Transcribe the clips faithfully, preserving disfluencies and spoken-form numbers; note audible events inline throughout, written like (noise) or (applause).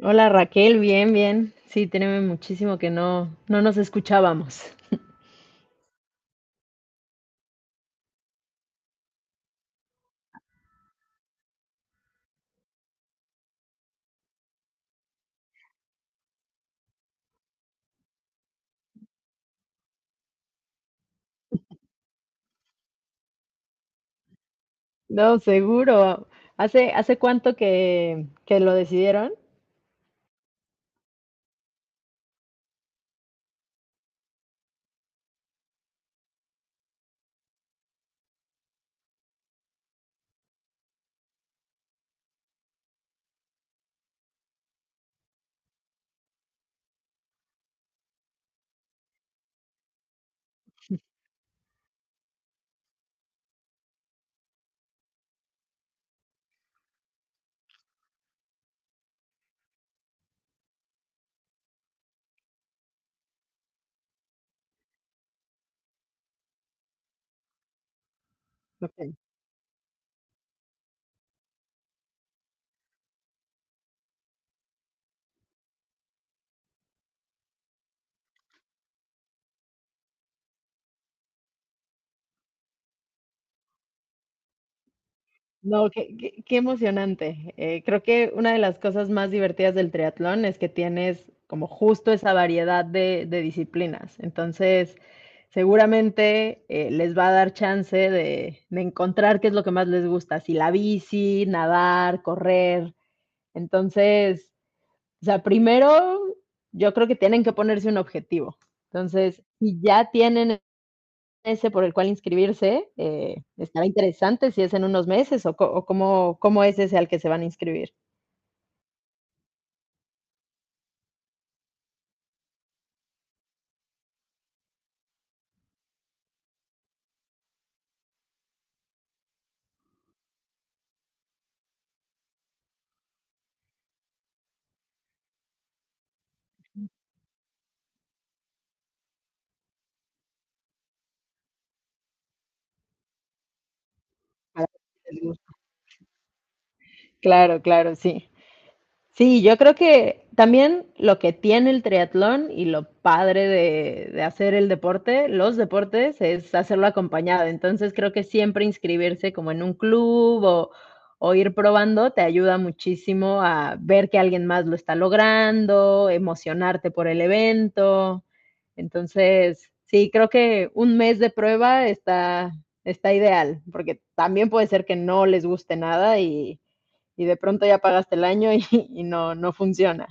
Hola Raquel, bien, bien. Sí, tenemos muchísimo que no, no nos escuchábamos. No, seguro. ¿Hace, hace cuánto que, que lo decidieron? Ok. No, qué, qué- qué emocionante. Eh, creo que una de las cosas más divertidas del triatlón es que tienes como justo esa variedad de, de disciplinas. Entonces, seguramente eh, les va a dar chance de, de encontrar qué es lo que más les gusta, si la bici, nadar, correr. Entonces, o sea, primero yo creo que tienen que ponerse un objetivo. Entonces, si ya tienen ese por el cual inscribirse, eh, estará interesante si es en unos meses o, co- o cómo, cómo es ese al que se van a inscribir. Para ver si les gusta. Claro, claro, sí. Sí, yo creo que también lo que tiene el triatlón y lo padre de, de, hacer el deporte, los deportes, es hacerlo acompañado. Entonces creo que siempre inscribirse como en un club o, o ir probando te ayuda muchísimo a ver que alguien más lo está logrando, emocionarte por el evento. Entonces, sí, creo que un mes de prueba está, está ideal, porque también puede ser que no les guste nada y y de pronto ya pagaste el año y, (laughs) y no, no funciona.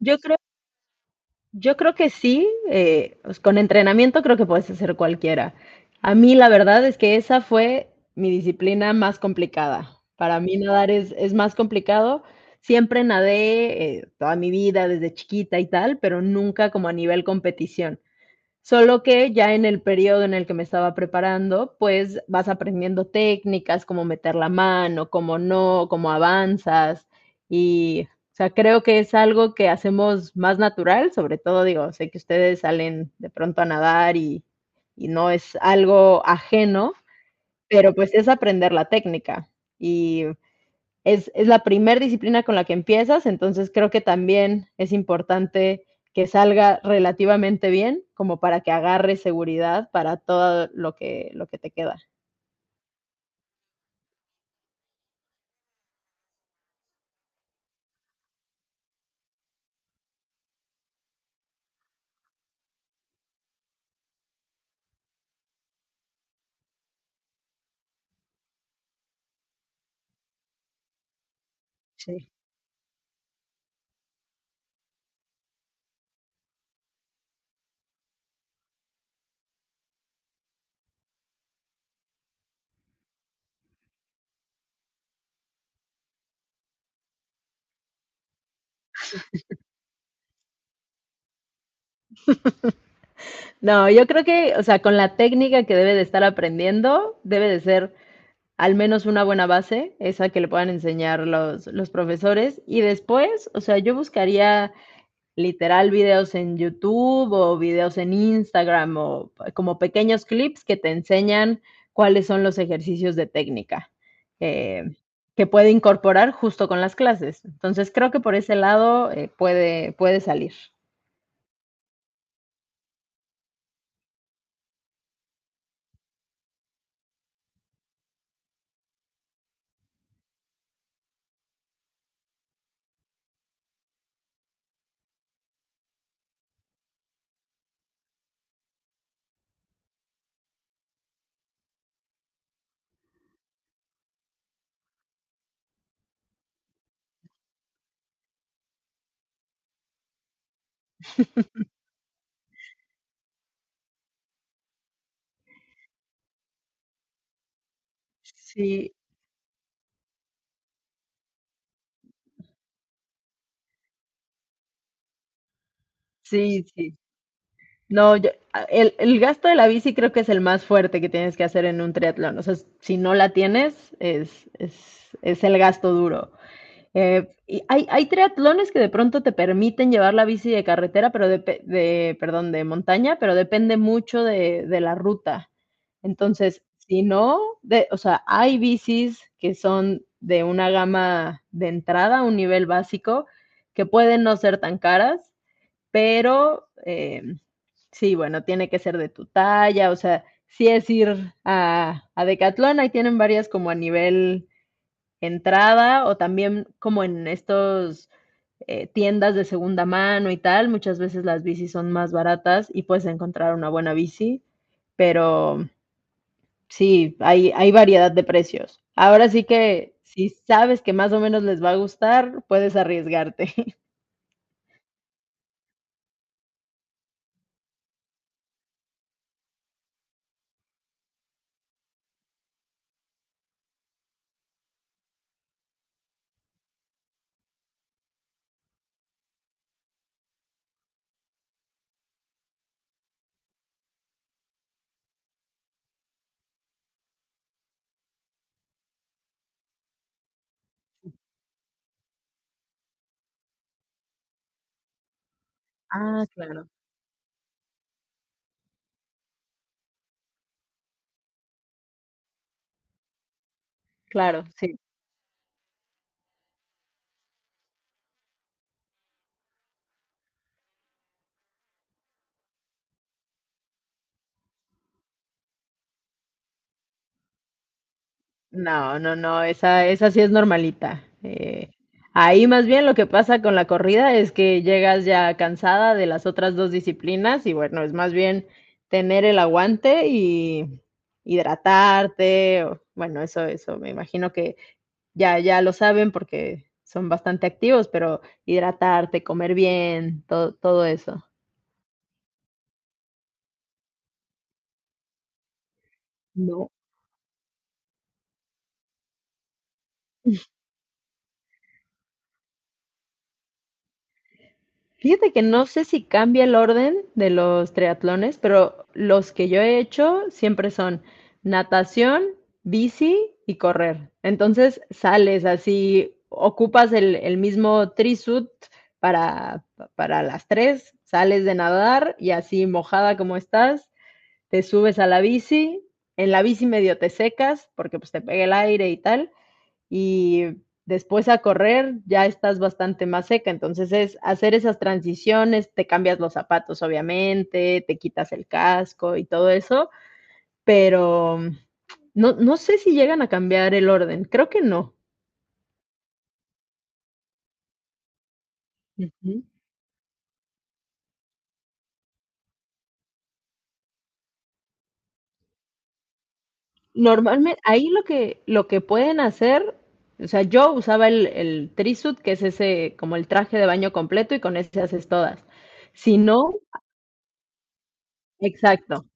Yo creo, yo creo que sí, eh, pues con entrenamiento creo que puedes hacer cualquiera. A mí la verdad es que esa fue mi disciplina más complicada. Para mí nadar es, es más complicado. Siempre nadé eh, toda mi vida, desde chiquita y tal, pero nunca como a nivel competición. Solo que ya en el periodo en el que me estaba preparando, pues vas aprendiendo técnicas, cómo meter la mano, cómo no, cómo avanzas. Y, o sea, creo que es algo que hacemos más natural, sobre todo, digo, sé que ustedes salen de pronto a nadar y, y no es algo ajeno, pero pues es aprender la técnica. Y es, es, la primera disciplina con la que empiezas, entonces creo que también es importante que salga relativamente bien, como para que agarre seguridad para todo lo que, lo que te queda. Sí. No, yo creo que, o sea, con la técnica que debe de estar aprendiendo, debe de ser al menos una buena base, esa que le puedan enseñar los, los, profesores. Y después, o sea, yo buscaría literal videos en YouTube o videos en Instagram o como pequeños clips que te enseñan cuáles son los ejercicios de técnica, eh, que puede incorporar justo con las clases. Entonces creo que por ese lado eh, puede, puede salir. Sí, sí, sí. No, yo- ah, el, el, gasto de la bici creo que es el más fuerte que tienes que hacer en un triatlón. O sea, si no la tienes, es, es, es, el gasto duro. Eh, y hay, hay triatlones que de pronto te permiten llevar la bici de carretera, pero de, de perdón, de montaña, pero depende mucho de, de la ruta. Entonces, si no, de, o sea, hay bicis que son de una gama de entrada, un nivel básico, que pueden no ser tan caras, pero eh, sí, bueno, tiene que ser de tu talla, o sea, si es ir a, a Decathlon, ahí tienen varias como a nivel entrada o también como en estos, eh, tiendas de segunda mano y tal, muchas veces las bicis son más baratas y puedes encontrar una buena bici, pero sí, hay, hay variedad de precios. Ahora sí que si sabes que más o menos les va a gustar, puedes arriesgarte. (laughs) Ah, claro, claro, sí. No, no, no, esa, esa sí es normalita. Eh, ahí más bien lo que pasa con la corrida es que llegas ya cansada de las otras dos disciplinas y bueno, es más bien tener el aguante y hidratarte. O- bueno, eso, eso me imagino que ya, ya lo saben porque son bastante activos, pero hidratarte, comer bien, todo, todo eso. No. Fíjate que no sé si cambia el orden de los triatlones, pero los que yo he hecho siempre son natación, bici y correr. Entonces sales así, ocupas el, el, mismo trisuit para, para las tres, sales de nadar y así mojada como estás, te subes a la bici, en la bici medio te secas porque pues te pega el aire y tal, y después a correr ya estás bastante más seca. Entonces es hacer esas transiciones, te cambias los zapatos obviamente, te quitas el casco y todo eso, pero mm, no, no, sé si llegan a cambiar el orden, creo que no. Ujú. Normalmente ahí lo que, lo que, pueden hacer, o sea, yo usaba el, el trisuit, que es ese como el traje de baño completo y con ese haces todas. Si no, exacto.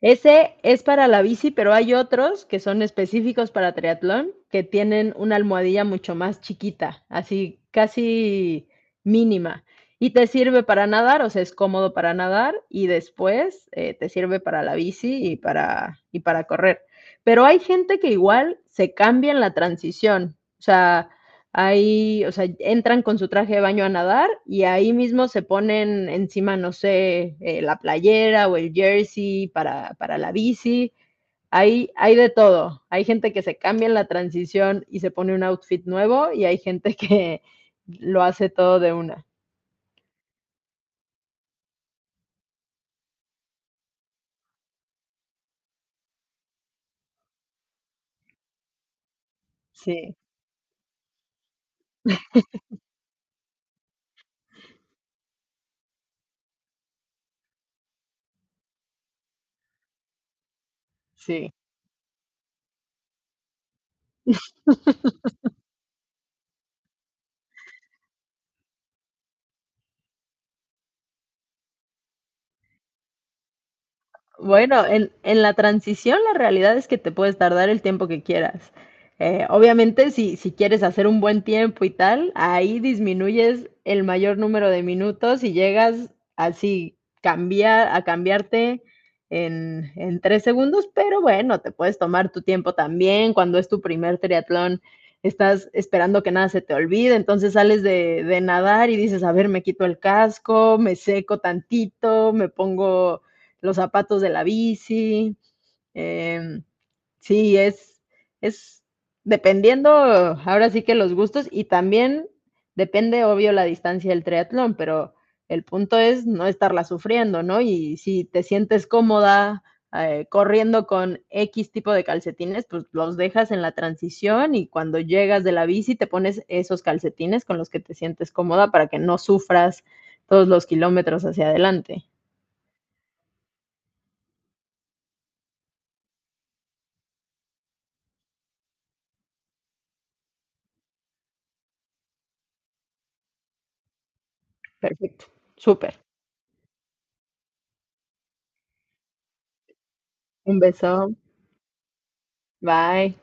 Ese es para la bici, pero hay otros que son específicos para triatlón, que tienen una almohadilla mucho más chiquita, así casi mínima. Y te sirve para nadar, o sea, es cómodo para nadar y después eh, te sirve para la bici y para, y para correr. Pero hay gente que igual se cambia en la transición. O sea, ahí, o sea, entran con su traje de baño a nadar y ahí mismo se ponen encima, no sé, eh, la playera o el jersey para, para, la bici. Hay, hay de todo. Hay gente que se cambia en la transición y se pone un outfit nuevo y hay gente que lo hace todo de una. Sí, sí. Bueno, en, en, la transición la realidad es que te puedes tardar el tiempo que quieras. Eh, obviamente, si, si quieres hacer un buen tiempo y tal, ahí disminuyes el mayor número de minutos y llegas así cambiar, a cambiarte en, en tres segundos, pero bueno, te puedes tomar tu tiempo también. Cuando es tu primer triatlón, estás esperando que nada se te olvide, entonces sales de, de, nadar y dices, a ver, me quito el casco, me seco tantito, me pongo los zapatos de la bici. Eh, sí, es, es dependiendo, ahora sí que los gustos y también depende, obvio, la distancia del triatlón, pero el punto es no estarla sufriendo, ¿no? Y si te sientes cómoda, eh, corriendo con equis tipo de calcetines, pues los dejas en la transición y cuando llegas de la bici te pones esos calcetines con los que te sientes cómoda para que no sufras todos los kilómetros hacia adelante. Perfecto, súper. Un beso. Bye.